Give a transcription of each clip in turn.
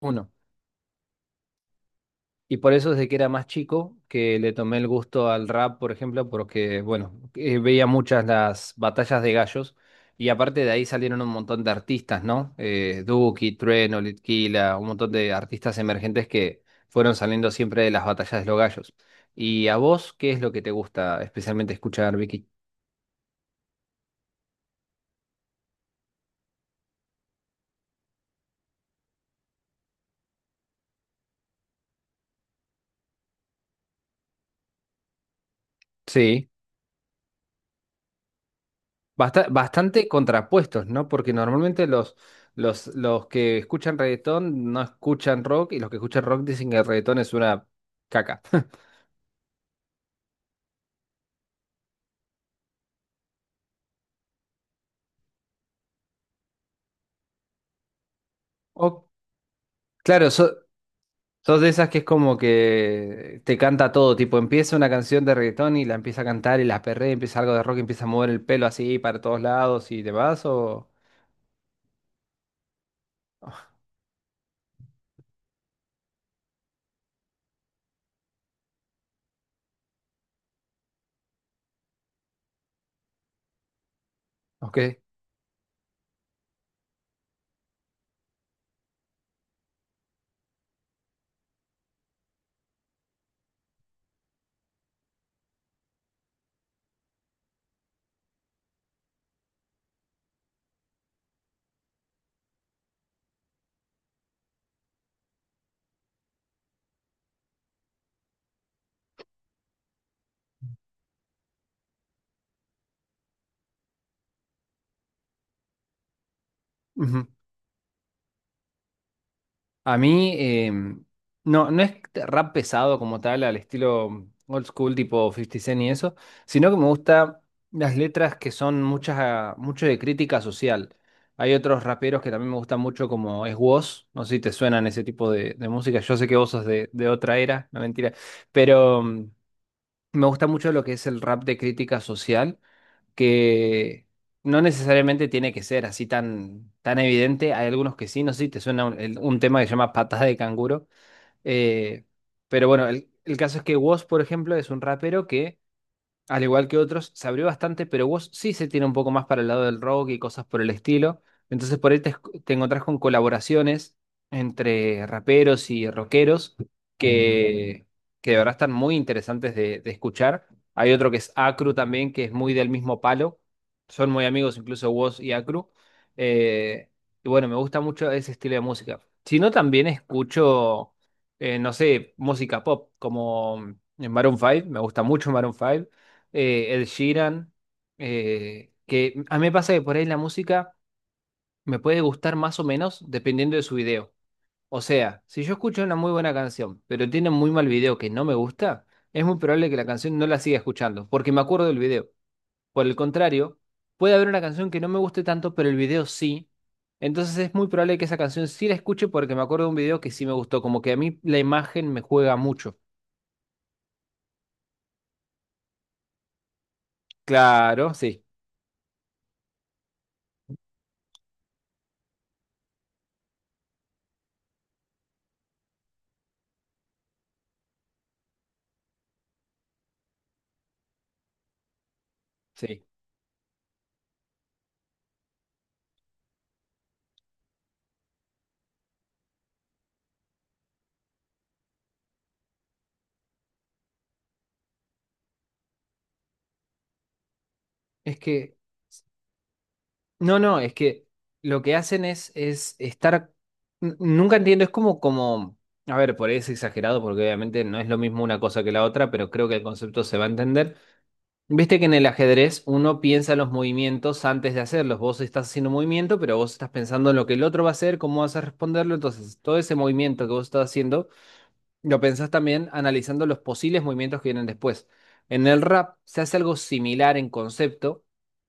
Uno. Y por eso desde que era más chico que le tomé el gusto al rap, por ejemplo, porque, bueno, veía muchas las batallas de gallos y aparte de ahí salieron un montón de artistas, ¿no? Duki, Trueno, Litquila, un montón de artistas emergentes que fueron saliendo siempre de las batallas de los gallos. ¿Y a vos qué es lo que te gusta especialmente escuchar, Vicky? Bastante contrapuestos, ¿no? Porque normalmente los que escuchan reggaetón no escuchan rock y los que escuchan rock dicen que el reggaetón es una caca. O, claro, sos de esas que es como que te canta todo, tipo empieza una canción de reggaetón y la empieza a cantar y la perrea, empieza algo de rock, y empieza a mover el pelo así para todos lados y demás, o... ¿O qué? A mí, no, no es rap pesado como tal, al estilo old school, tipo Fifty Cent y eso, sino que me gustan las letras que son muchas, ah, mucho de crítica social. Hay otros raperos que también me gustan mucho, como es Woz, no sé si te suenan ese tipo de música. Yo sé que vos sos de otra era, no mentira, pero me gusta mucho lo que es el rap de crítica social que no necesariamente tiene que ser así tan, tan evidente. Hay algunos que sí, no sé si te suena un, un tema que se llama Patas de Canguro. Eh, pero bueno, el caso es que Woz, por ejemplo, es un rapero que al igual que otros, se abrió bastante, pero vos sí se tiene un poco más para el lado del rock y cosas por el estilo. Entonces por ahí te encontrás con colaboraciones entre raperos y rockeros que, que de verdad están muy interesantes de escuchar. Hay otro que es Acru también, que es muy del mismo palo. Son muy amigos incluso Woz y Acru. Eh, y bueno, me gusta mucho ese estilo de música. Si no, también escucho, no sé, música pop, como en Maroon 5, me gusta mucho Maroon 5 Ed Sheeran, que a mí me pasa que por ahí la música me puede gustar más o menos dependiendo de su video. O sea, si yo escucho una muy buena canción, pero tiene muy mal video que no me gusta, es muy probable que la canción no la siga escuchando, porque me acuerdo del video. Por el contrario, puede haber una canción que no me guste tanto, pero el video sí. Entonces es muy probable que esa canción sí la escuche porque me acuerdo de un video que sí me gustó, como que a mí la imagen me juega mucho. Claro, sí, sí. Es que no, no, es que lo que hacen es estar. Nunca entiendo, es como, como. A ver, por ahí es exagerado, porque obviamente no es lo mismo una cosa que la otra, pero creo que el concepto se va a entender. Viste que en el ajedrez uno piensa los movimientos antes de hacerlos. Vos estás haciendo un movimiento, pero vos estás pensando en lo que el otro va a hacer, cómo vas a responderlo. Entonces, todo ese movimiento que vos estás haciendo lo pensás también analizando los posibles movimientos que vienen después. En el rap se hace algo similar en concepto,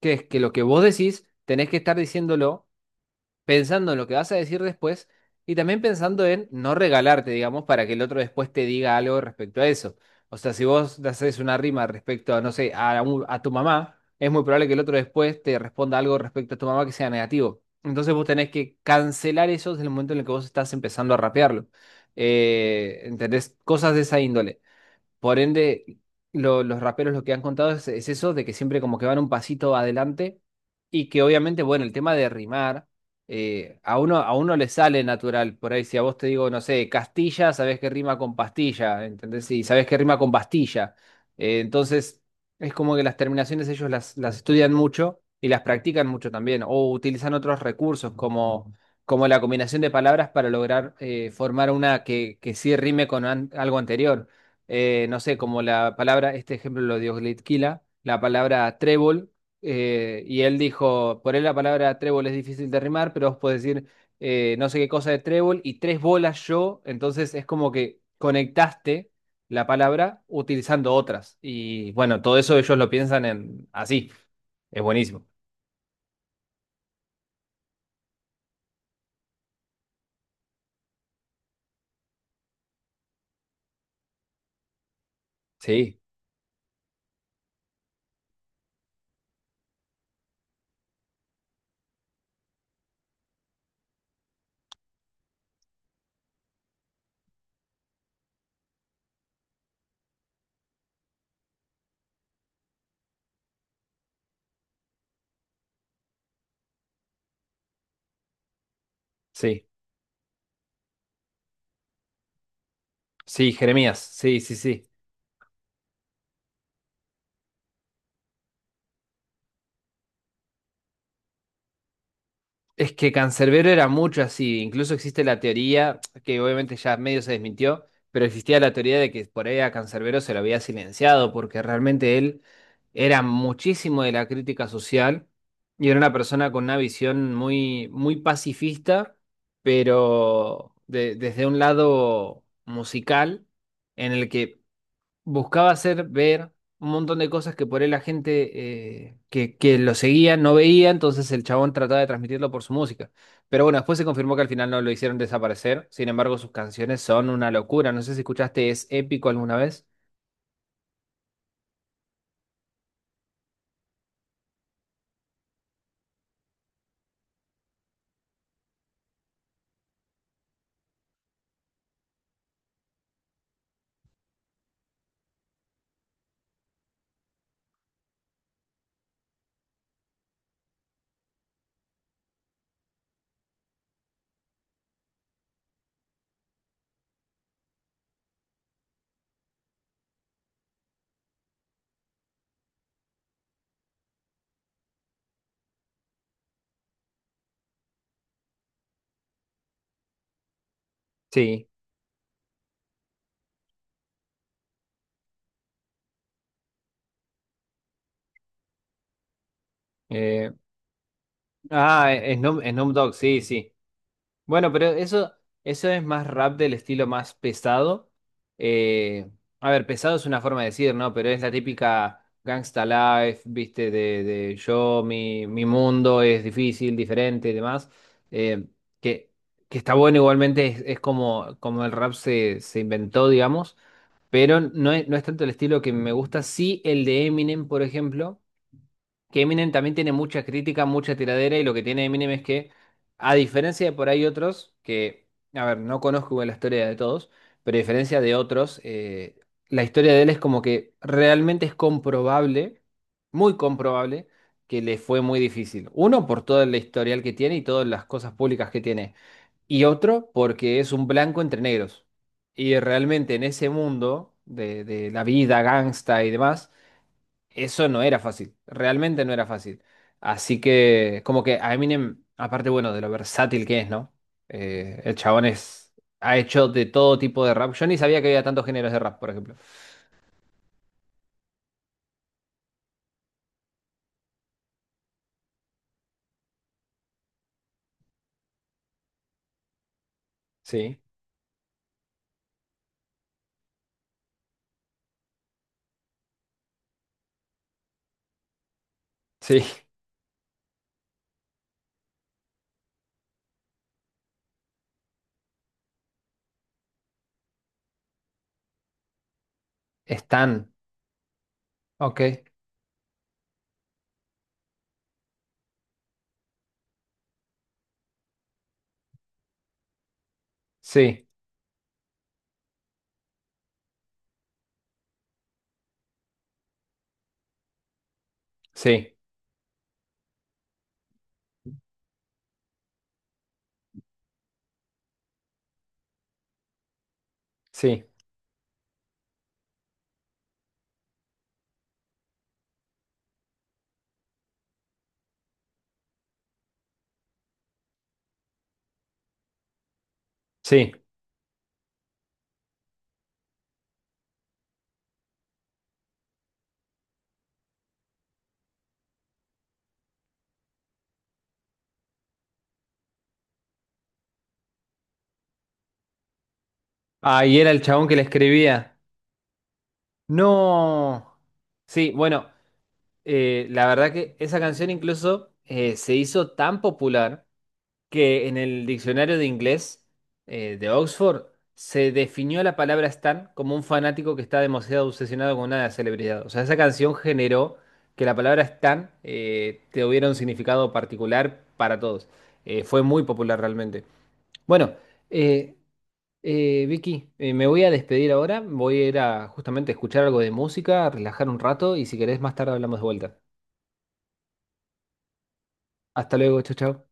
que es que lo que vos decís tenés que estar diciéndolo pensando en lo que vas a decir después y también pensando en no regalarte, digamos, para que el otro después te diga algo respecto a eso. O sea, si vos le haces una rima respecto a, no sé, a tu mamá, es muy probable que el otro después te responda algo respecto a tu mamá que sea negativo. Entonces vos tenés que cancelar eso desde el momento en el que vos estás empezando a rapearlo. ¿Entendés? Cosas de esa índole. Por ende, los raperos lo que han contado es eso, de que siempre como que van un pasito adelante y que obviamente, bueno, el tema de rimar, a uno le sale natural. Por ahí, si a vos te digo, no sé, Castilla, sabés que rima con pastilla, ¿entendés? Y sabés que rima con pastilla. Entonces, es como que las terminaciones ellos las estudian mucho y las practican mucho también, o utilizan otros recursos como... Como la combinación de palabras para lograr formar una que sí rime con algo anterior no sé, como la palabra, este ejemplo lo dio Glitquila, la palabra trébol, y él dijo, por él la palabra trébol es difícil de rimar, pero vos podés decir no sé qué cosa de trébol y tres bolas yo, entonces es como que conectaste la palabra utilizando otras. Y bueno, todo eso ellos lo piensan en así, es buenísimo. Sí, sí, sí, Jeremías, sí, sí, sí. Es que Cancerbero era mucho así, incluso existe la teoría, que obviamente ya medio se desmintió, pero existía la teoría de que por ahí a Cancerbero se lo había silenciado, porque realmente él era muchísimo de la crítica social y era una persona con una visión muy, muy pacifista, pero desde un lado musical, en el que buscaba hacer ver un montón de cosas que por él la gente que lo seguía no veía, entonces el chabón trataba de transmitirlo por su música. Pero bueno, después se confirmó que al final no lo hicieron desaparecer, sin embargo sus canciones son una locura. No sé si escuchaste Es Épico alguna vez. Sí. Eh, ah, Snoop, Snoop Dogg, sí, sí. Bueno, pero eso es más rap del estilo más pesado. Eh, a ver, pesado es una forma de decir, ¿no? Pero es la típica Gangsta Life, viste, de yo, mi mundo es difícil, diferente y demás. Eh, que, que está bueno igualmente, es como, como el rap se, se inventó, digamos. Pero no es, no es tanto el estilo que me gusta. Sí, el de Eminem, por ejemplo que Eminem también tiene mucha crítica, mucha tiradera y lo que tiene Eminem es que, a diferencia de por ahí otros, que, a ver, no conozco igual la historia de todos, pero a diferencia de otros, la historia de él es como que realmente es comprobable, muy comprobable, que le fue muy difícil. Uno, por todo el historial que tiene y todas las cosas públicas que tiene. Y otro, porque es un blanco entre negros. Y realmente en ese mundo de la vida gangsta y demás, eso no era fácil, realmente no era fácil. Así que, como que a Eminem, aparte, bueno, de lo versátil que es, ¿no? El chabón es, ha hecho de todo tipo de rap. Yo ni sabía que había tantos géneros de rap, por ejemplo. Sí, sí, están, ok, sí, sí, sí, sí. Ah, y era el chabón que le escribía. No. Sí, bueno, la verdad que esa canción incluso se hizo tan popular. Que en el diccionario de inglés de Oxford se definió la palabra stan como un fanático que está demasiado obsesionado con una celebridad. O sea, esa canción generó que la palabra stan tuviera un significado particular para todos. Fue muy popular realmente. Bueno, eh, Vicky, me voy a despedir ahora. Voy a ir a justamente escuchar algo de música, relajar un rato y si querés más tarde hablamos de vuelta. Hasta luego, chao, chao.